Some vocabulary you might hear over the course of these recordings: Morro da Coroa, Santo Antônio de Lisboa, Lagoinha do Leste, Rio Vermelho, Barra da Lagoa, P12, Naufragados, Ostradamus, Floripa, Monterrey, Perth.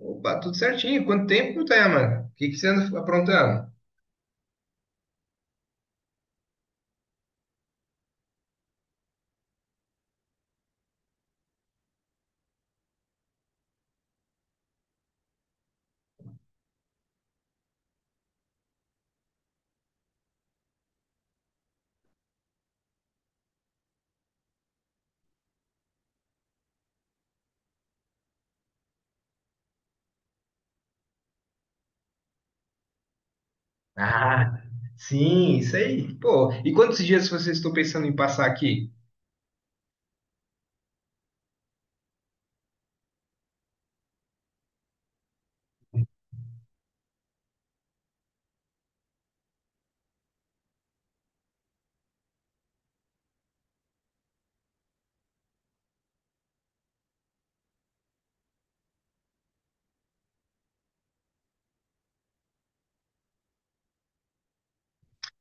Opa, tudo certinho. Quanto tempo, Tayaman? O que que você anda aprontando? Ah, sim, isso aí. Pô, e quantos dias vocês estão pensando em passar aqui?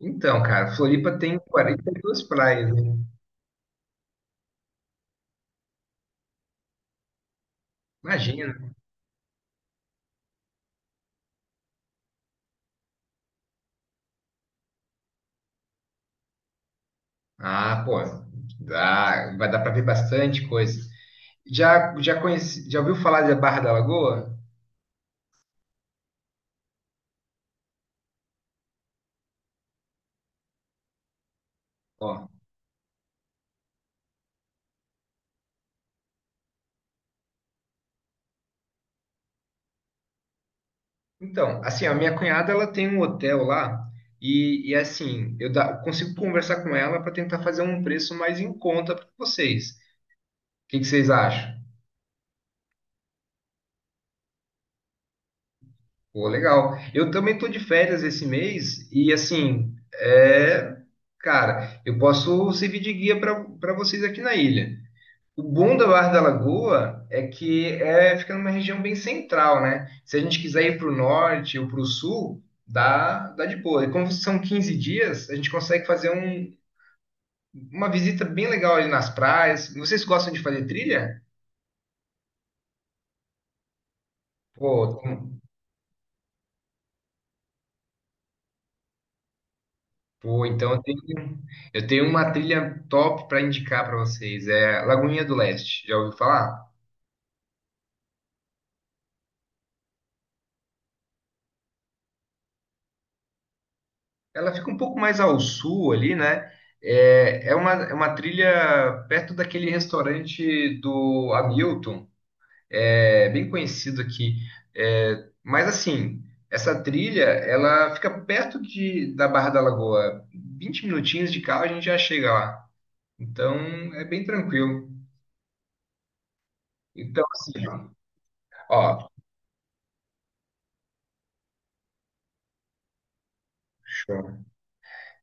Então, cara, Floripa tem 42 praias, né? Imagina. Ah, pô, dá, vai dar pra ver bastante coisa. Já conheci, já ouviu falar da Barra da Lagoa? Ó, então, assim, a minha cunhada, ela tem um hotel lá e, assim, eu consigo conversar com ela para tentar fazer um preço mais em conta para vocês. Que vocês acham? Pô, legal. Eu também tô de férias esse mês e assim, é, cara, eu posso servir de guia para vocês aqui na ilha. O bom da Barra da Lagoa é que fica numa região bem central, né? Se a gente quiser ir para o norte ou para o sul, dá de boa. E como são 15 dias, a gente consegue fazer uma visita bem legal ali nas praias. Vocês gostam de fazer trilha? Pô, pô, eu tenho uma trilha top para indicar para vocês. É Lagoinha do Leste, já ouviu falar? Ela fica um pouco mais ao sul ali, né? É, é uma trilha perto daquele restaurante do Hamilton, é bem conhecido aqui. É, mas assim, essa trilha, ela fica perto da Barra da Lagoa. Vinte minutinhos de carro a gente já chega lá. Então, é bem tranquilo. Então, assim, ó, ó, show.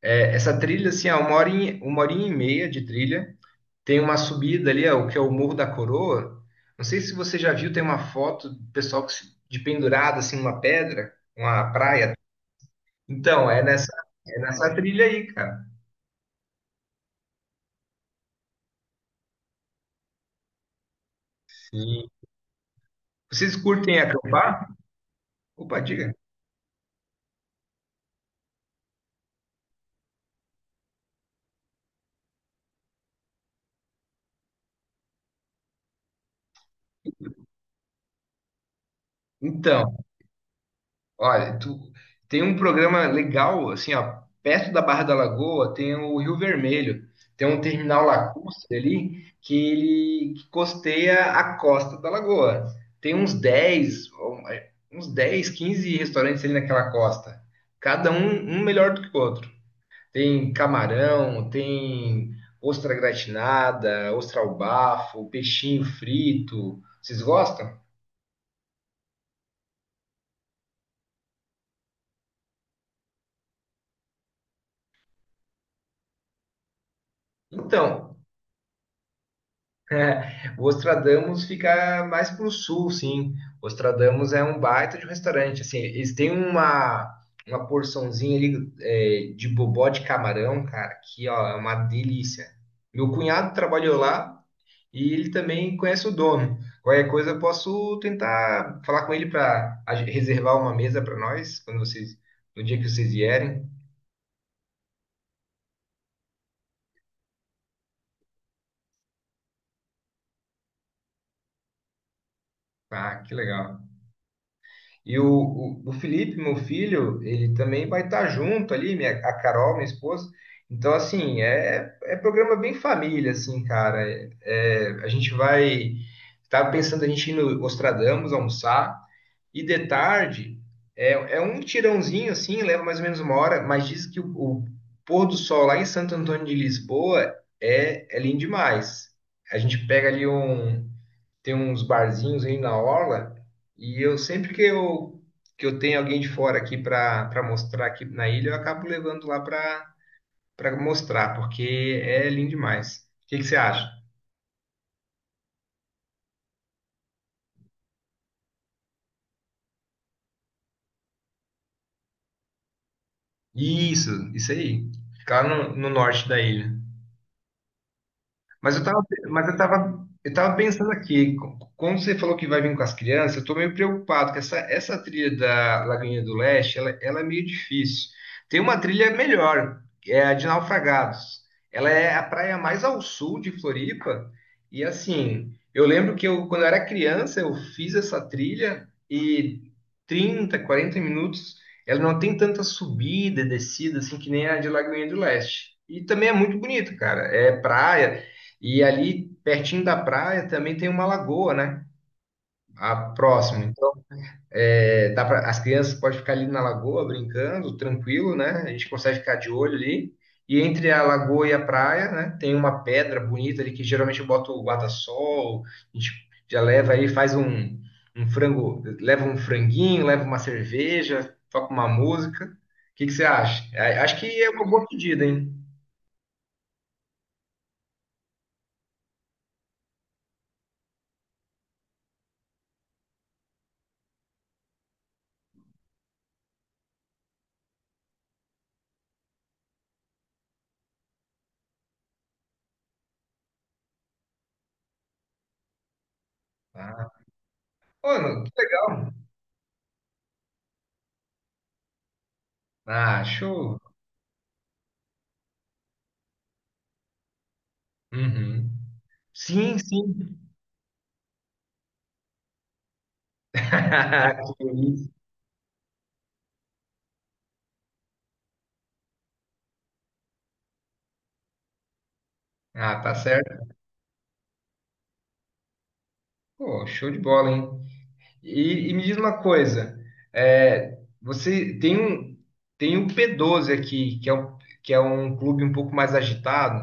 É, essa trilha, assim, é uma horinha e meia de trilha. Tem uma subida ali, ó, o que é o Morro da Coroa. Não sei se você já viu, tem uma foto do pessoal que se- de pendurado, assim, numa pedra, uma praia. Então, é nessa trilha aí, cara. Sim. Vocês curtem acampar? Opa, diga. Então. Olha, tu tem um programa legal, assim, ó, perto da Barra da Lagoa tem o Rio Vermelho, tem um terminal lacustre ali que costeia a costa da lagoa. Tem uns 10 ou, é, uns 10 15 restaurantes ali naquela costa, cada um, um melhor do que o outro. Tem camarão, tem ostra gratinada, ostra ao bafo, peixinho frito. Vocês gostam? Então, é, o Ostradamus fica mais para o sul, sim. O Ostradamus é um baita de um restaurante. Assim, uma porçãozinha ali é, de bobó de camarão, cara, que ó, é uma delícia. Meu cunhado trabalhou lá e ele também conhece o dono. Qualquer coisa eu posso tentar falar com ele para reservar uma mesa para nós quando vocês, no dia que vocês vierem. Ah, que legal. E o Felipe, meu filho, ele também vai estar junto ali, a Carol, minha esposa. Então, assim, é, é programa bem família, assim, cara. É, é, a gente vai. Tava pensando a gente ir no Ostradamus almoçar, e de tarde é, é um tirãozinho, assim, leva mais ou menos uma hora, mas diz que o pôr do sol lá em Santo Antônio de Lisboa é, é lindo demais. A gente pega ali um tem uns barzinhos aí na orla e eu sempre que eu tenho alguém de fora aqui para mostrar aqui na ilha, eu acabo levando lá para mostrar, porque é lindo demais. O que que você acha? Isso aí. Ficar no norte da ilha. Mas eu tava, eu tava pensando aqui, como você falou que vai vir com as crianças, eu tô meio preocupado, que essa trilha da Lagoinha do Leste, ela é meio difícil. Tem uma trilha melhor, que é a de Naufragados. Ela é a praia mais ao sul de Floripa, e assim, eu lembro que eu, quando eu era criança, eu fiz essa trilha e 30, 40 minutos, ela não tem tanta subida e descida, assim, que nem a de Lagoinha do Leste. E também é muito bonito, cara. É praia, e ali, pertinho da praia, também tem uma lagoa, né? A próxima. Então, é, dá pra, as crianças podem ficar ali na lagoa brincando, tranquilo, né? A gente consegue ficar de olho ali. E entre a lagoa e a praia, né? Tem uma pedra bonita ali que geralmente eu boto o guarda-sol. A gente já leva aí, faz um, um frango, leva um franguinho, leva uma cerveja, toca uma música. O que que você acha? Acho que é uma boa pedida, hein? Ah, pô, que legal. Ah, show. Uhum. Sim, sim. Que isso. Ah, tá certo. Pô, show de bola, hein? E me diz uma coisa, é, você tem um tem o P12 aqui, que é um clube um pouco mais agitado.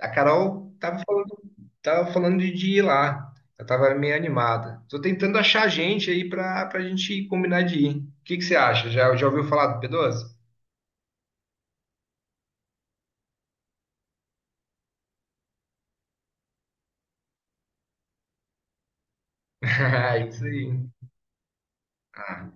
A Carol tava falando de ir lá. Eu tava meio animada. Tô tentando achar gente aí pra, pra gente combinar de ir. O que que você acha? Já, já ouviu falar do P12? Ah, isso aí. Ah,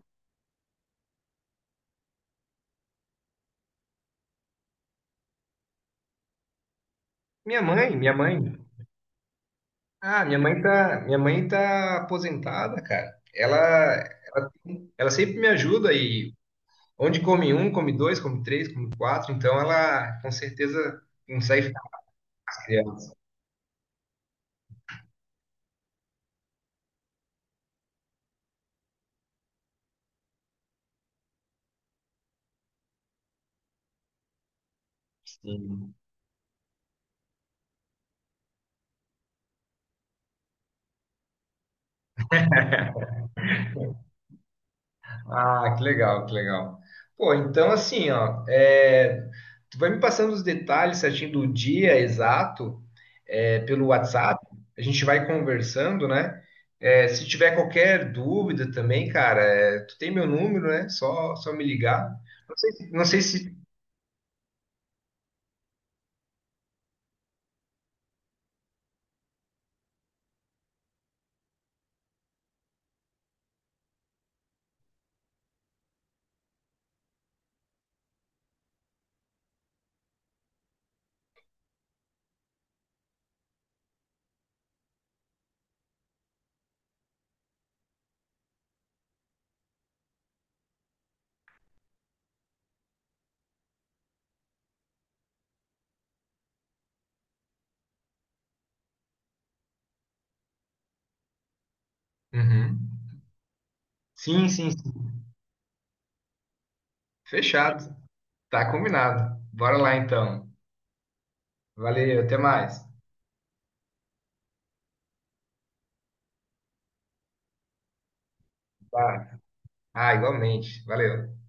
minha mãe. Ah, minha mãe tá aposentada, cara. Ela sempre me ajuda e onde come um, come dois, come três, come quatro, então ela com certeza consegue ficar criando. Ah, que legal, que legal. Pô, então assim, ó, é, tu vai me passando os detalhes certinho do dia exato, é, pelo WhatsApp, a gente vai conversando, né? É, se tiver qualquer dúvida também, cara, é, tu tem meu número, né? Só, só me ligar. Não sei se... Uhum. Sim, sim, sim. Fechado. Tá combinado. Bora lá então. Valeu, até mais. Tá. Ah, igualmente. Valeu.